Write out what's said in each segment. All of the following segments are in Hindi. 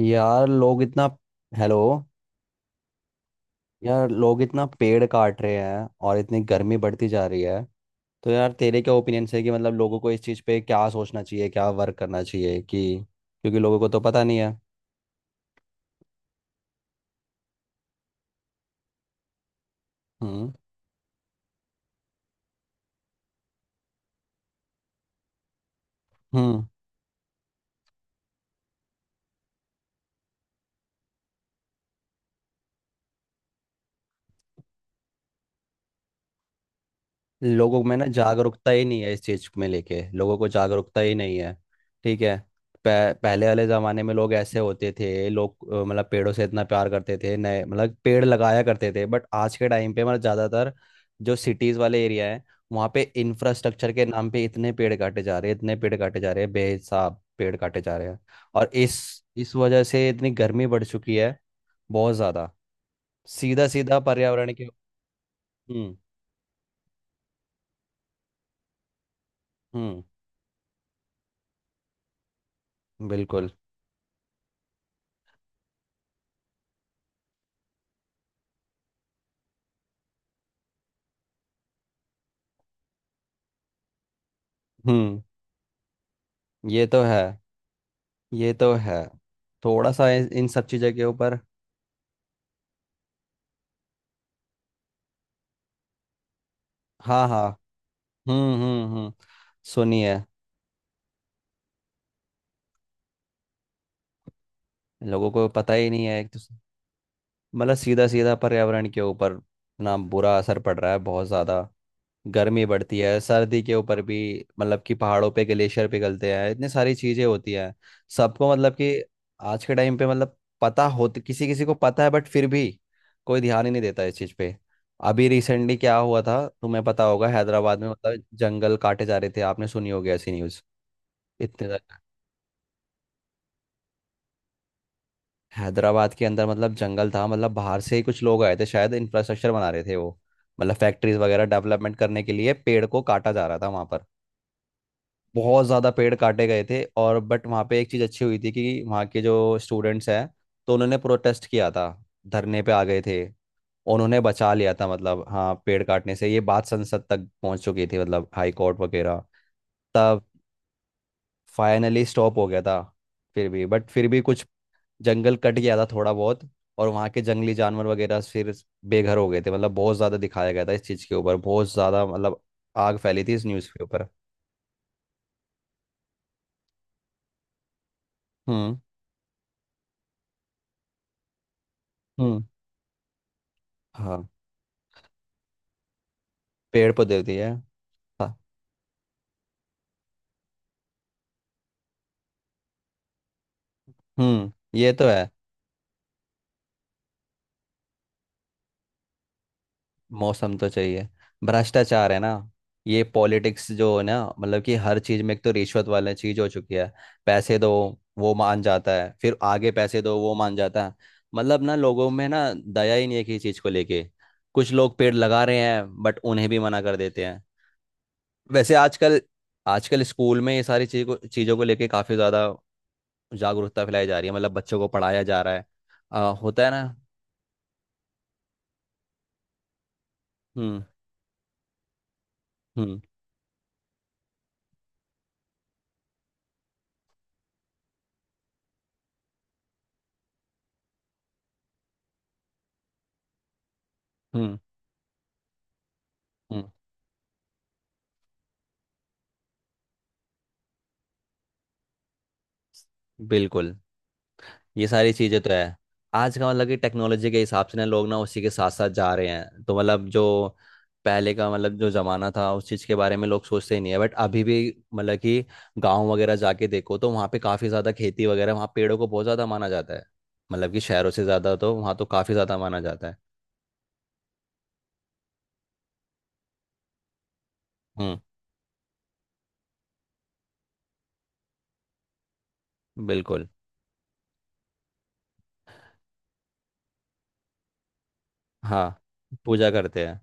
यार लोग इतना हेलो। यार लोग इतना पेड़ काट रहे हैं और इतनी गर्मी बढ़ती जा रही है। तो यार तेरे क्या ओपिनियन है कि मतलब लोगों को इस चीज़ पे क्या सोचना चाहिए, क्या वर्क करना चाहिए? कि क्योंकि लोगों को तो पता नहीं है। हम्म हम्म। लोगों में ना जागरूकता ही नहीं है, इस चीज में लेके लोगों को जागरूकता ही नहीं है। ठीक है। पहले वाले जमाने में लोग ऐसे होते थे, लोग मतलब पेड़ों से इतना प्यार करते थे, नए मतलब पेड़ लगाया करते थे। बट आज के टाइम पे मतलब ज्यादातर जो सिटीज वाले एरिया है, वहाँ पे इंफ्रास्ट्रक्चर के नाम पे इतने पेड़ काटे जा रहे हैं, इतने पेड़ काटे जा रहे हैं, बेहिसाब पेड़ काटे जा रहे हैं। और इस वजह से इतनी गर्मी बढ़ चुकी है, बहुत ज्यादा। सीधा सीधा पर्यावरण के। हम्म। हम्म। बिल्कुल। हम्म। ये तो है। ये तो है। थोड़ा सा इन इन सब चीज़ों के ऊपर। हाँ, हाँ। हम्म, हम्म, हम्म। सुनिए। लोगों को पता ही नहीं है एक दूसरे। मतलब सीधा सीधा पर्यावरण के ऊपर ना बुरा असर पड़ रहा है, बहुत ज़्यादा। गर्मी बढ़ती है, सर्दी के ऊपर भी मतलब कि पहाड़ों पे ग्लेशियर पिघलते हैं, इतनी सारी चीजें होती हैं। सबको मतलब कि आज के टाइम पे मतलब पता होती किसी किसी को पता है, बट फिर भी कोई ध्यान ही नहीं देता इस चीज पे। अभी रिसेंटली क्या हुआ था तुम्हें पता होगा, हैदराबाद में मतलब जंगल काटे जा रहे थे, आपने सुनी होगी ऐसी न्यूज। इतने ज्यादा- हैदराबाद के अंदर मतलब जंगल था, मतलब बाहर से ही कुछ लोग आए थे शायद, इंफ्रास्ट्रक्चर बना रहे थे वो। मतलब फैक्ट्रीज वगैरह डेवलपमेंट करने के लिए पेड़ को काटा जा रहा था वहां पर। बहुत ज़्यादा पेड़ काटे गए थे। और बट वहाँ पे एक चीज़ अच्छी हुई थी कि वहाँ के जो स्टूडेंट्स हैं तो उन्होंने प्रोटेस्ट किया था, धरने पे आ गए थे। उन्होंने बचा लिया था मतलब, हाँ, पेड़ काटने से। ये बात संसद तक पहुँच चुकी थी, मतलब हाई कोर्ट वगैरह। तब फाइनली स्टॉप हो गया था। फिर भी बट फिर भी कुछ जंगल कट गया था थोड़ा बहुत। और वहाँ के जंगली जानवर वगैरह फिर बेघर हो गए थे। मतलब बहुत ज़्यादा दिखाया गया था इस चीज़ के ऊपर, बहुत ज़्यादा मतलब आग फैली थी इस न्यूज़ के ऊपर। हम्म, हम्म। हाँ, पेड़ पौधे दिए। हाँ। हम्म। ये तो है। मौसम तो चाहिए। भ्रष्टाचार है ना। ये पॉलिटिक्स जो है ना, मतलब कि हर चीज में एक तो रिश्वत वाली चीज हो चुकी है। पैसे दो, वो मान जाता है, फिर आगे पैसे दो, वो मान जाता है। मतलब ना लोगों में ना दया ही नहीं है किसी चीज को लेके। कुछ लोग पेड़ लगा रहे हैं बट उन्हें भी मना कर देते हैं। वैसे आजकल, आजकल स्कूल में ये सारी चीजों को लेके काफी ज्यादा जागरूकता फैलाई जा रही है, मतलब बच्चों को पढ़ाया जा रहा है। होता है ना। हम्म, हम्म, हम्म। हम्म। बिल्कुल। ये सारी चीजें तो है। आज का मतलब कि टेक्नोलॉजी के हिसाब से ना लोग ना उसी के साथ साथ जा रहे हैं। तो मतलब जो पहले का मतलब जो जमाना था उस चीज के बारे में लोग सोचते ही नहीं है। बट अभी भी मतलब कि गांव वगैरह जाके देखो तो वहाँ पे काफी ज्यादा खेती वगैरह, वहाँ पेड़ों को बहुत ज्यादा माना जाता है। मतलब कि शहरों से ज्यादा तो वहाँ तो काफी ज्यादा माना जाता है। हम्म। बिल्कुल। हाँ, पूजा करते हैं।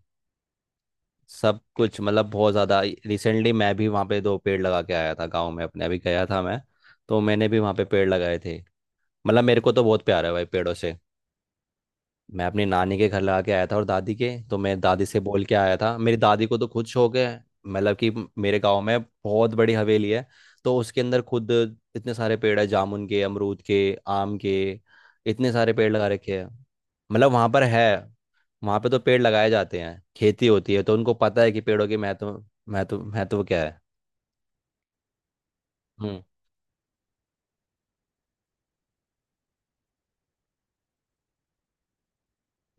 सब कुछ मतलब बहुत ज़्यादा। रिसेंटली मैं भी वहाँ पे दो पेड़ लगा के आया था, गाँव में अपने अभी गया था मैं, तो मैंने भी वहाँ पे पेड़ लगाए थे। मतलब मेरे को तो बहुत प्यार है भाई पेड़ों से। मैं अपनी नानी के घर लगा के आया था, और दादी के तो मैं दादी से बोल के आया था, मेरी दादी को तो खुद शौक है। मतलब कि मेरे गांव में बहुत बड़ी हवेली है, तो उसके अंदर खुद इतने सारे पेड़ है, जामुन के, अमरूद के, आम के, इतने सारे पेड़ लगा रखे हैं। मतलब वहां पर है, वहां पे तो पेड़ लगाए जाते हैं, खेती होती है तो उनको पता है कि पेड़ों के महत्व, महत्व क्या है। हम्म,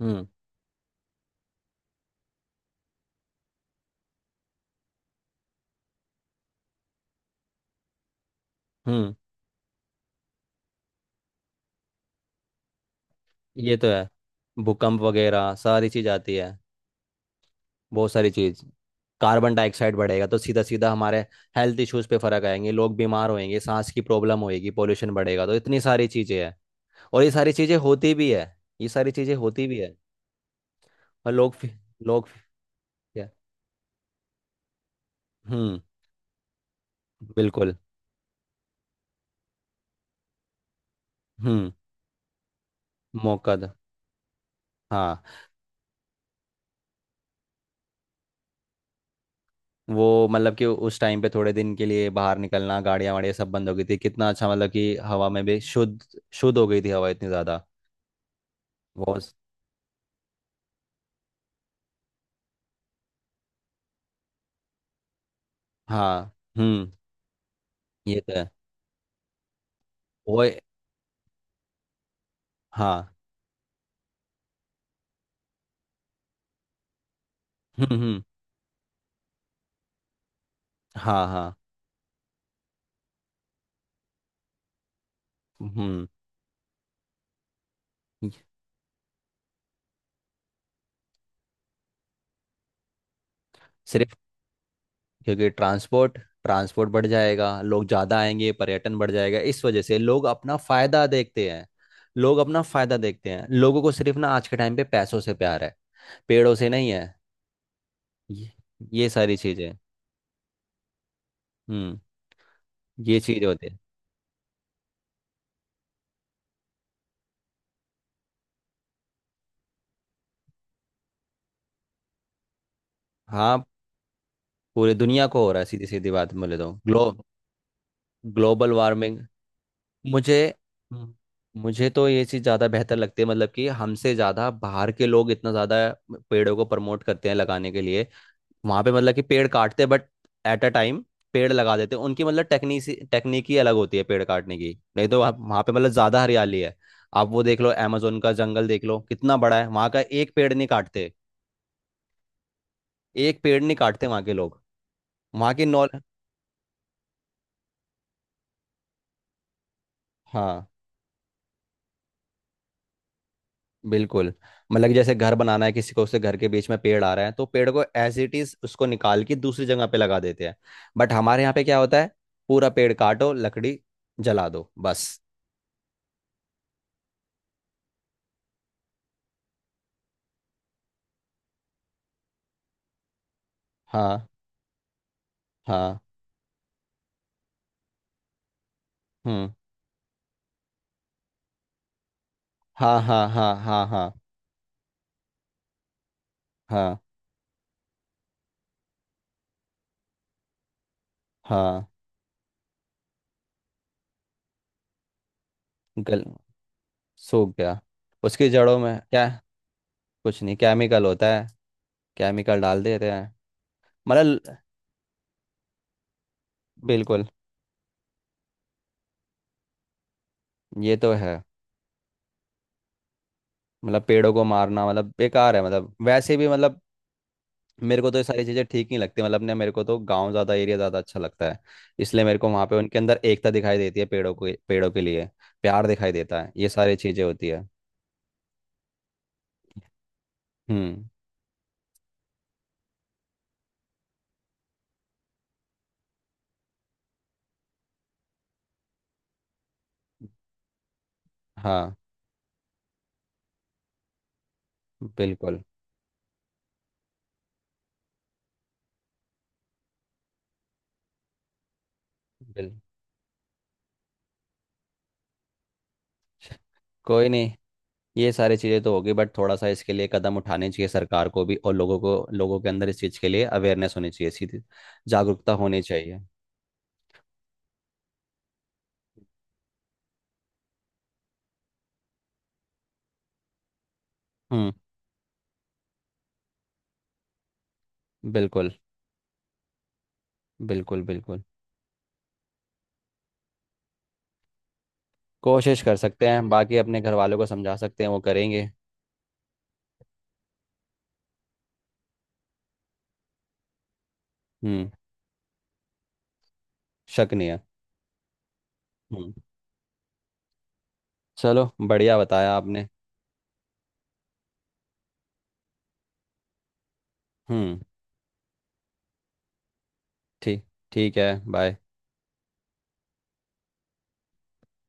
हम्म, हम्म। ये तो है। भूकंप वगैरह सारी चीज आती है, बहुत सारी चीज। कार्बन डाइऑक्साइड बढ़ेगा तो सीधा सीधा हमारे हेल्थ इश्यूज पे फर्क आएंगे, लोग बीमार होएंगे, सांस की प्रॉब्लम होएगी, पोल्यूशन बढ़ेगा, तो इतनी सारी चीजें हैं। और ये सारी चीजें होती भी है, ये सारी चीजें होती भी है। और लोग फिर- क्या। हम्म। बिल्कुल। हम्म। मौका था। हाँ। वो मतलब कि उस टाइम पे थोड़े दिन के लिए बाहर निकलना, गाड़ियां वाड़ियाँ सब बंद हो गई थी, कितना अच्छा मतलब कि हवा में भी शुद्ध शुद्ध हो गई थी, हवा इतनी ज्यादा। बहुत। हाँ, हम्म। ये तो है। वो, हाँ। हम्म, हम्म। हाँ, हाँ। हम्म। सिर्फ क्योंकि ट्रांसपोर्ट, ट्रांसपोर्ट बढ़ जाएगा, लोग ज्यादा आएंगे, पर्यटन बढ़ जाएगा, इस वजह से लोग अपना फायदा देखते हैं। लोग अपना फायदा देखते हैं, लोगों को सिर्फ ना आज के टाइम पे पैसों से प्यार है, पेड़ों से नहीं है। ये, ये सारी चीजें। हम्म। ये चीजें होती है। हाँ, पूरी दुनिया को हो रहा है, सीधी सीधी बात बोले तो ग्लोबल वार्मिंग। मुझे हम्म, मुझे तो ये चीज़ ज़्यादा बेहतर लगती है, मतलब कि हमसे ज़्यादा बाहर के लोग इतना ज़्यादा पेड़ों को प्रमोट करते हैं लगाने के लिए। वहाँ पे मतलब कि पेड़ काटते हैं बट एट अ टाइम पेड़ लगा देते हैं। उनकी मतलब टेक्निसी टेक्निक ही अलग होती है पेड़ काटने की, नहीं तो वहाँ वहाँ पे मतलब ज़्यादा हरियाली है। आप वो देख लो अमेजोन का जंगल देख लो, कितना बड़ा है, वहाँ का एक पेड़ नहीं काटते, एक पेड़ नहीं काटते वहाँ के लोग। वहाँ की नॉल हाँ, बिल्कुल। मतलब कि जैसे घर बनाना है किसी को, उसके घर के बीच में पेड़ आ रहा है, तो पेड़ को एज इट इज उसको निकाल के दूसरी जगह पे लगा देते हैं। बट हमारे यहाँ पे क्या होता है, पूरा पेड़ काटो, लकड़ी जला दो, बस। हाँ, हाँ। हम्म। हाँ, हाँ, हाँ, हाँ, हाँ। हाँ, हाँ गल सूख गया। उसकी जड़ों में क्या, कुछ नहीं, केमिकल होता है, केमिकल डाल देते हैं। मतलब। बिल्कुल। ये तो है। मतलब पेड़ों को मारना मतलब बेकार है, मतलब वैसे भी मतलब मेरे को तो ये सारी चीज़ें ठीक नहीं लगती। मतलब अपने मेरे को तो गांव ज़्यादा, एरिया ज़्यादा अच्छा लगता है, इसलिए मेरे को वहाँ पे उनके अंदर एकता दिखाई देती है, पेड़ों को, पेड़ों के लिए प्यार दिखाई देता है, ये सारी चीज़ें होती है। हम्म। हाँ, बिल्कुल, बिल्कुल। कोई नहीं, ये सारी चीज़ें तो होगी, बट थोड़ा सा इसके लिए कदम उठाने चाहिए सरकार को भी और लोगों को, लोगों के अंदर इस चीज़ के लिए अवेयरनेस होनी चाहिए, सीधी जागरूकता होनी चाहिए। हम्म। बिल्कुल, बिल्कुल, बिल्कुल। कोशिश कर सकते हैं, बाकी अपने घर वालों को समझा सकते हैं, वो करेंगे। हम्म। शक नहीं है। हम्म। चलो, बढ़िया बताया आपने। हम्म। ठीक। ठीक है, बाय।